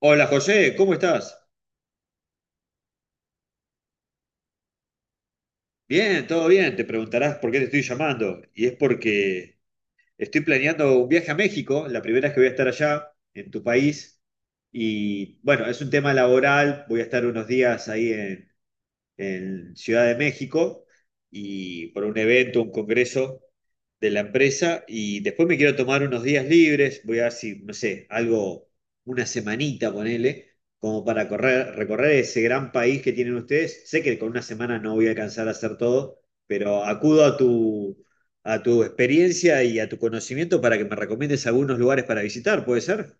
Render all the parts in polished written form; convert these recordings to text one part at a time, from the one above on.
Hola José, ¿cómo estás? Bien, todo bien. Te preguntarás por qué te estoy llamando. Y es porque estoy planeando un viaje a México, la primera vez que voy a estar allá, en tu país. Y bueno, es un tema laboral, voy a estar unos días ahí en Ciudad de México y por un evento, un congreso de la empresa y después me quiero tomar unos días libres, voy a ver si, no sé, algo, una semanita, ponele, como para recorrer ese gran país que tienen ustedes. Sé que con una semana no voy a alcanzar a hacer todo, pero a tu experiencia y a tu conocimiento para que me recomiendes algunos lugares para visitar, ¿puede ser?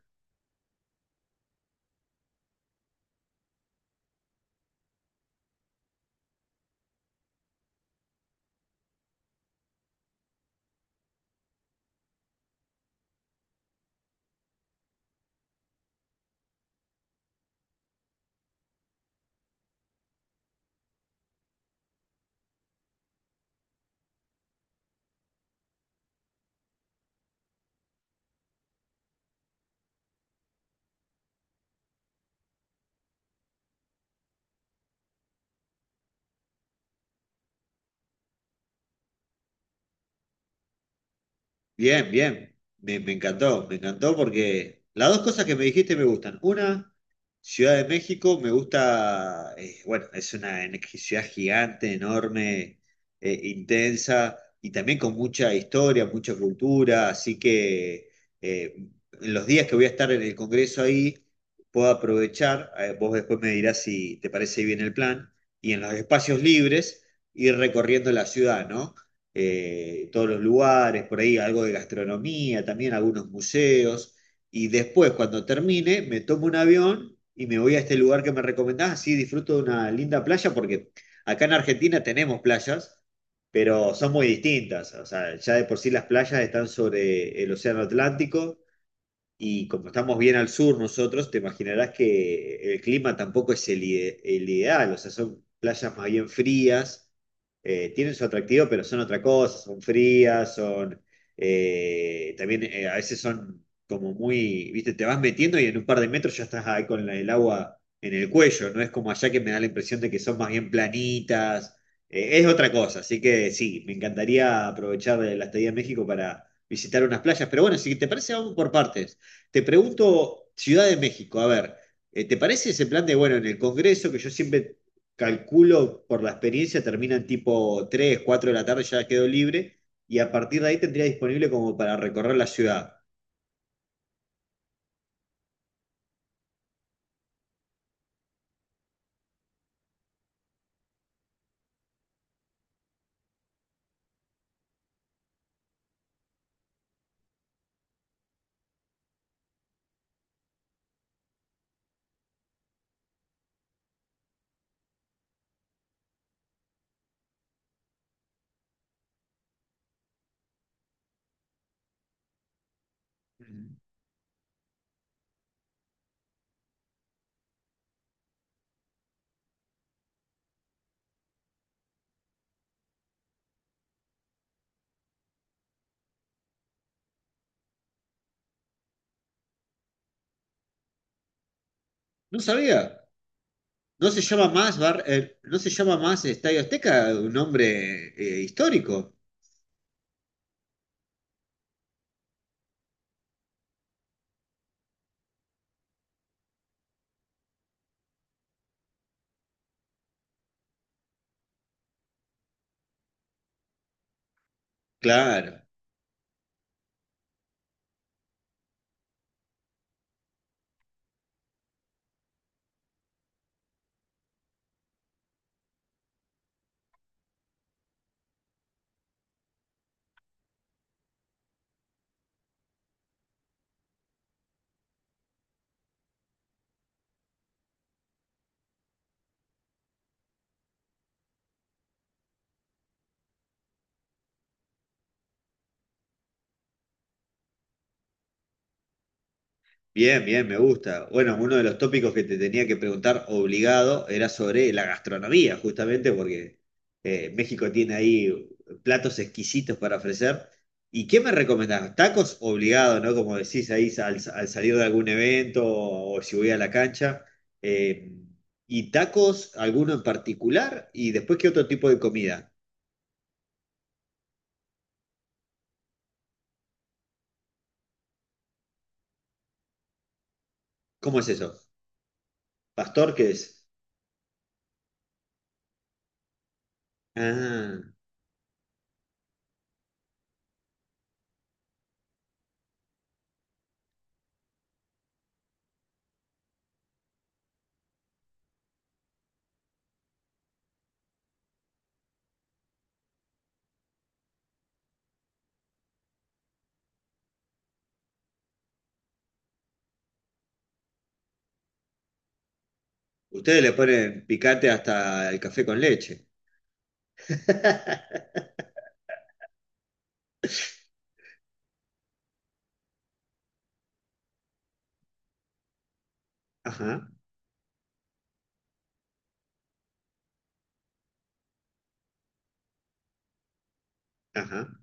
Bien, bien. Me encantó porque las dos cosas que me dijiste me gustan. Una, Ciudad de México, me gusta, bueno, es ciudad gigante, enorme, intensa y también con mucha historia, mucha cultura, así que eh, en los días que voy a estar en el Congreso ahí, puedo aprovechar, vos después me dirás si te parece bien el plan, y en los espacios libres ir recorriendo la ciudad, ¿no? Todos los lugares, por ahí algo de gastronomía, también algunos museos. Y después, cuando termine, me tomo un avión y me voy a este lugar que me recomendás. Así disfruto de una linda playa, porque acá en Argentina tenemos playas, pero son muy distintas. O sea, ya de por sí las playas están sobre el Océano Atlántico y como estamos bien al sur nosotros, te imaginarás que el clima tampoco es el ideal, o sea, son playas más bien frías, tienen su atractivo, pero son otra cosa, son frías, son, también a veces son como muy, viste, te vas metiendo y en un par de metros ya estás ahí con el agua en el cuello, no es como allá que me da la impresión de que son más bien planitas, es otra cosa, así que sí, me encantaría aprovechar la estadía en México para visitar unas playas, pero bueno, si te parece, vamos por partes. Te pregunto, Ciudad de México, a ver, ¿te parece ese plan de, bueno, en el Congreso, que yo siempre calculo por la experiencia, terminan tipo 3, 4 de la tarde, ya quedo libre, y a partir de ahí tendría disponible como para recorrer la ciudad? No sabía. No se llama más bar, no se llama más Estadio Azteca, un nombre histórico. Claro. Bien, bien, me gusta. Bueno, uno de los tópicos que te tenía que preguntar obligado era sobre la gastronomía, justamente porque México tiene ahí platos exquisitos para ofrecer. ¿Y qué me recomendás? Tacos obligado, ¿no? Como decís ahí al salir de algún evento o, si voy a la cancha. Eh, ¿Y tacos, alguno en particular? ¿Y después qué otro tipo de comida? ¿Cómo es eso? ¿Pastor qué es? Ah, ustedes le ponen picante hasta el café con leche. Ajá, ajá.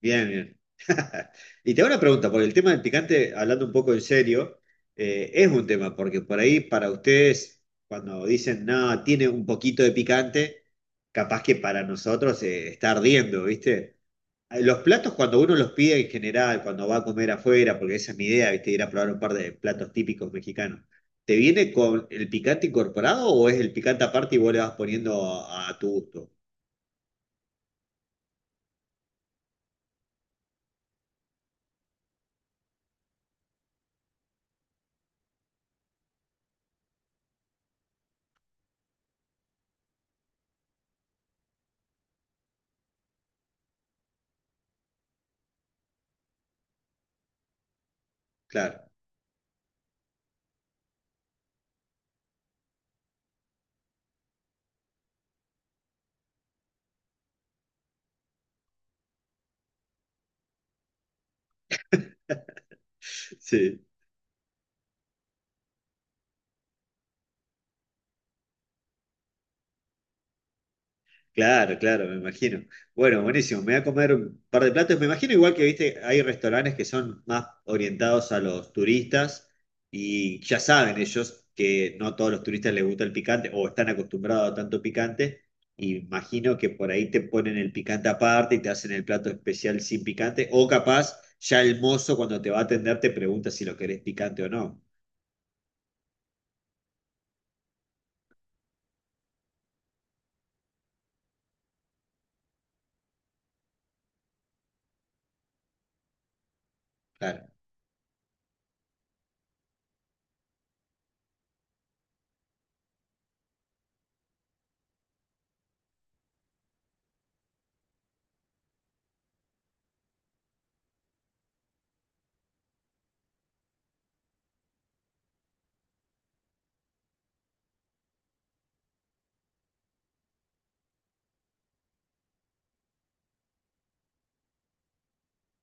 Bien, bien. Y te hago una pregunta, porque el tema del picante, hablando un poco en serio, es un tema, porque por ahí para ustedes, cuando dicen, no, tiene un poquito de picante, capaz que para nosotros está ardiendo, ¿viste? Los platos cuando uno los pide en general, cuando va a comer afuera, porque esa es mi idea, ¿viste? Ir a probar un par de platos típicos mexicanos, ¿te viene con el picante incorporado o es el picante aparte y vos le vas poniendo a tu gusto? Claro, sí. Claro, claro, me imagino. Bueno, buenísimo. Me voy a comer un par de platos. Me imagino igual que, viste, hay restaurantes que son más orientados a los turistas y ya saben ellos que no a todos los turistas les gusta el picante o están acostumbrados a tanto picante. Y imagino que por ahí te ponen el picante aparte y te hacen el plato especial sin picante. O capaz ya el mozo cuando te va a atender te pregunta si lo querés picante o no. Claro.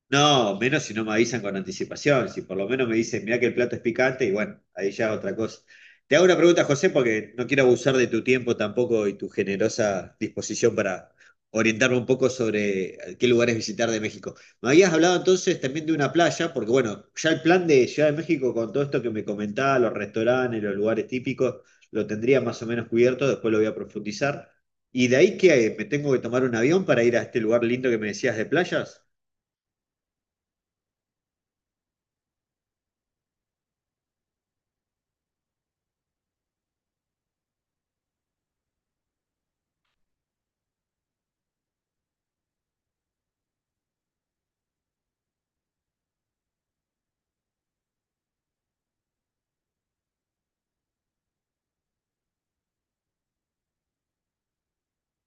No, menos si no me avisan con anticipación, si por lo menos me dicen, mirá que el plato es picante y bueno, ahí ya otra cosa. Te hago una pregunta, José, porque no quiero abusar de tu tiempo tampoco y tu generosa disposición para orientarme un poco sobre qué lugares visitar de México. Me habías hablado entonces también de una playa, porque bueno, ya el plan de Ciudad de México con todo esto que me comentaba, los restaurantes, los lugares típicos, lo tendría más o menos cubierto, después lo voy a profundizar. ¿Y de ahí que me tengo que tomar un avión para ir a este lugar lindo que me decías de playas?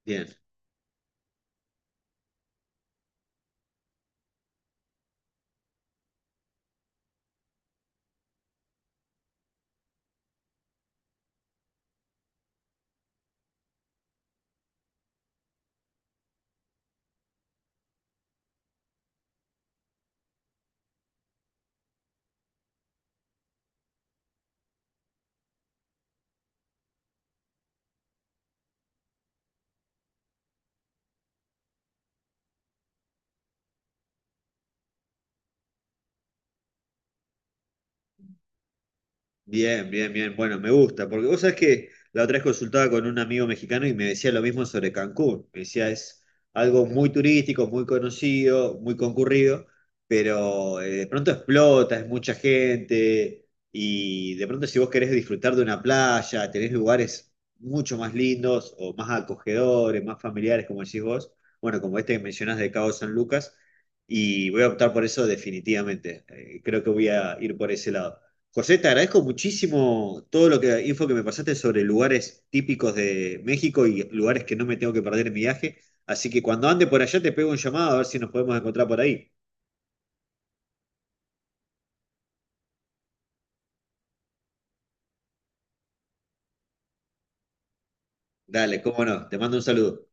Bien. Bien, bien, bien. Bueno, me gusta, porque vos sabés que la otra vez consultaba con un amigo mexicano y me decía lo mismo sobre Cancún. Me decía, es algo muy turístico, muy conocido, muy concurrido, pero de pronto explota, es mucha gente y de pronto si vos querés disfrutar de una playa, tenés lugares mucho más lindos o más acogedores, más familiares, como decís vos, bueno, como este que mencionás de Cabo San Lucas, y voy a optar por eso definitivamente. Creo que voy a ir por ese lado. José, te agradezco muchísimo todo lo que info que me pasaste sobre lugares típicos de México y lugares que no me tengo que perder en mi viaje. Así que cuando ande por allá te pego un llamado a ver si nos podemos encontrar por ahí. Dale, cómo no, te mando un saludo.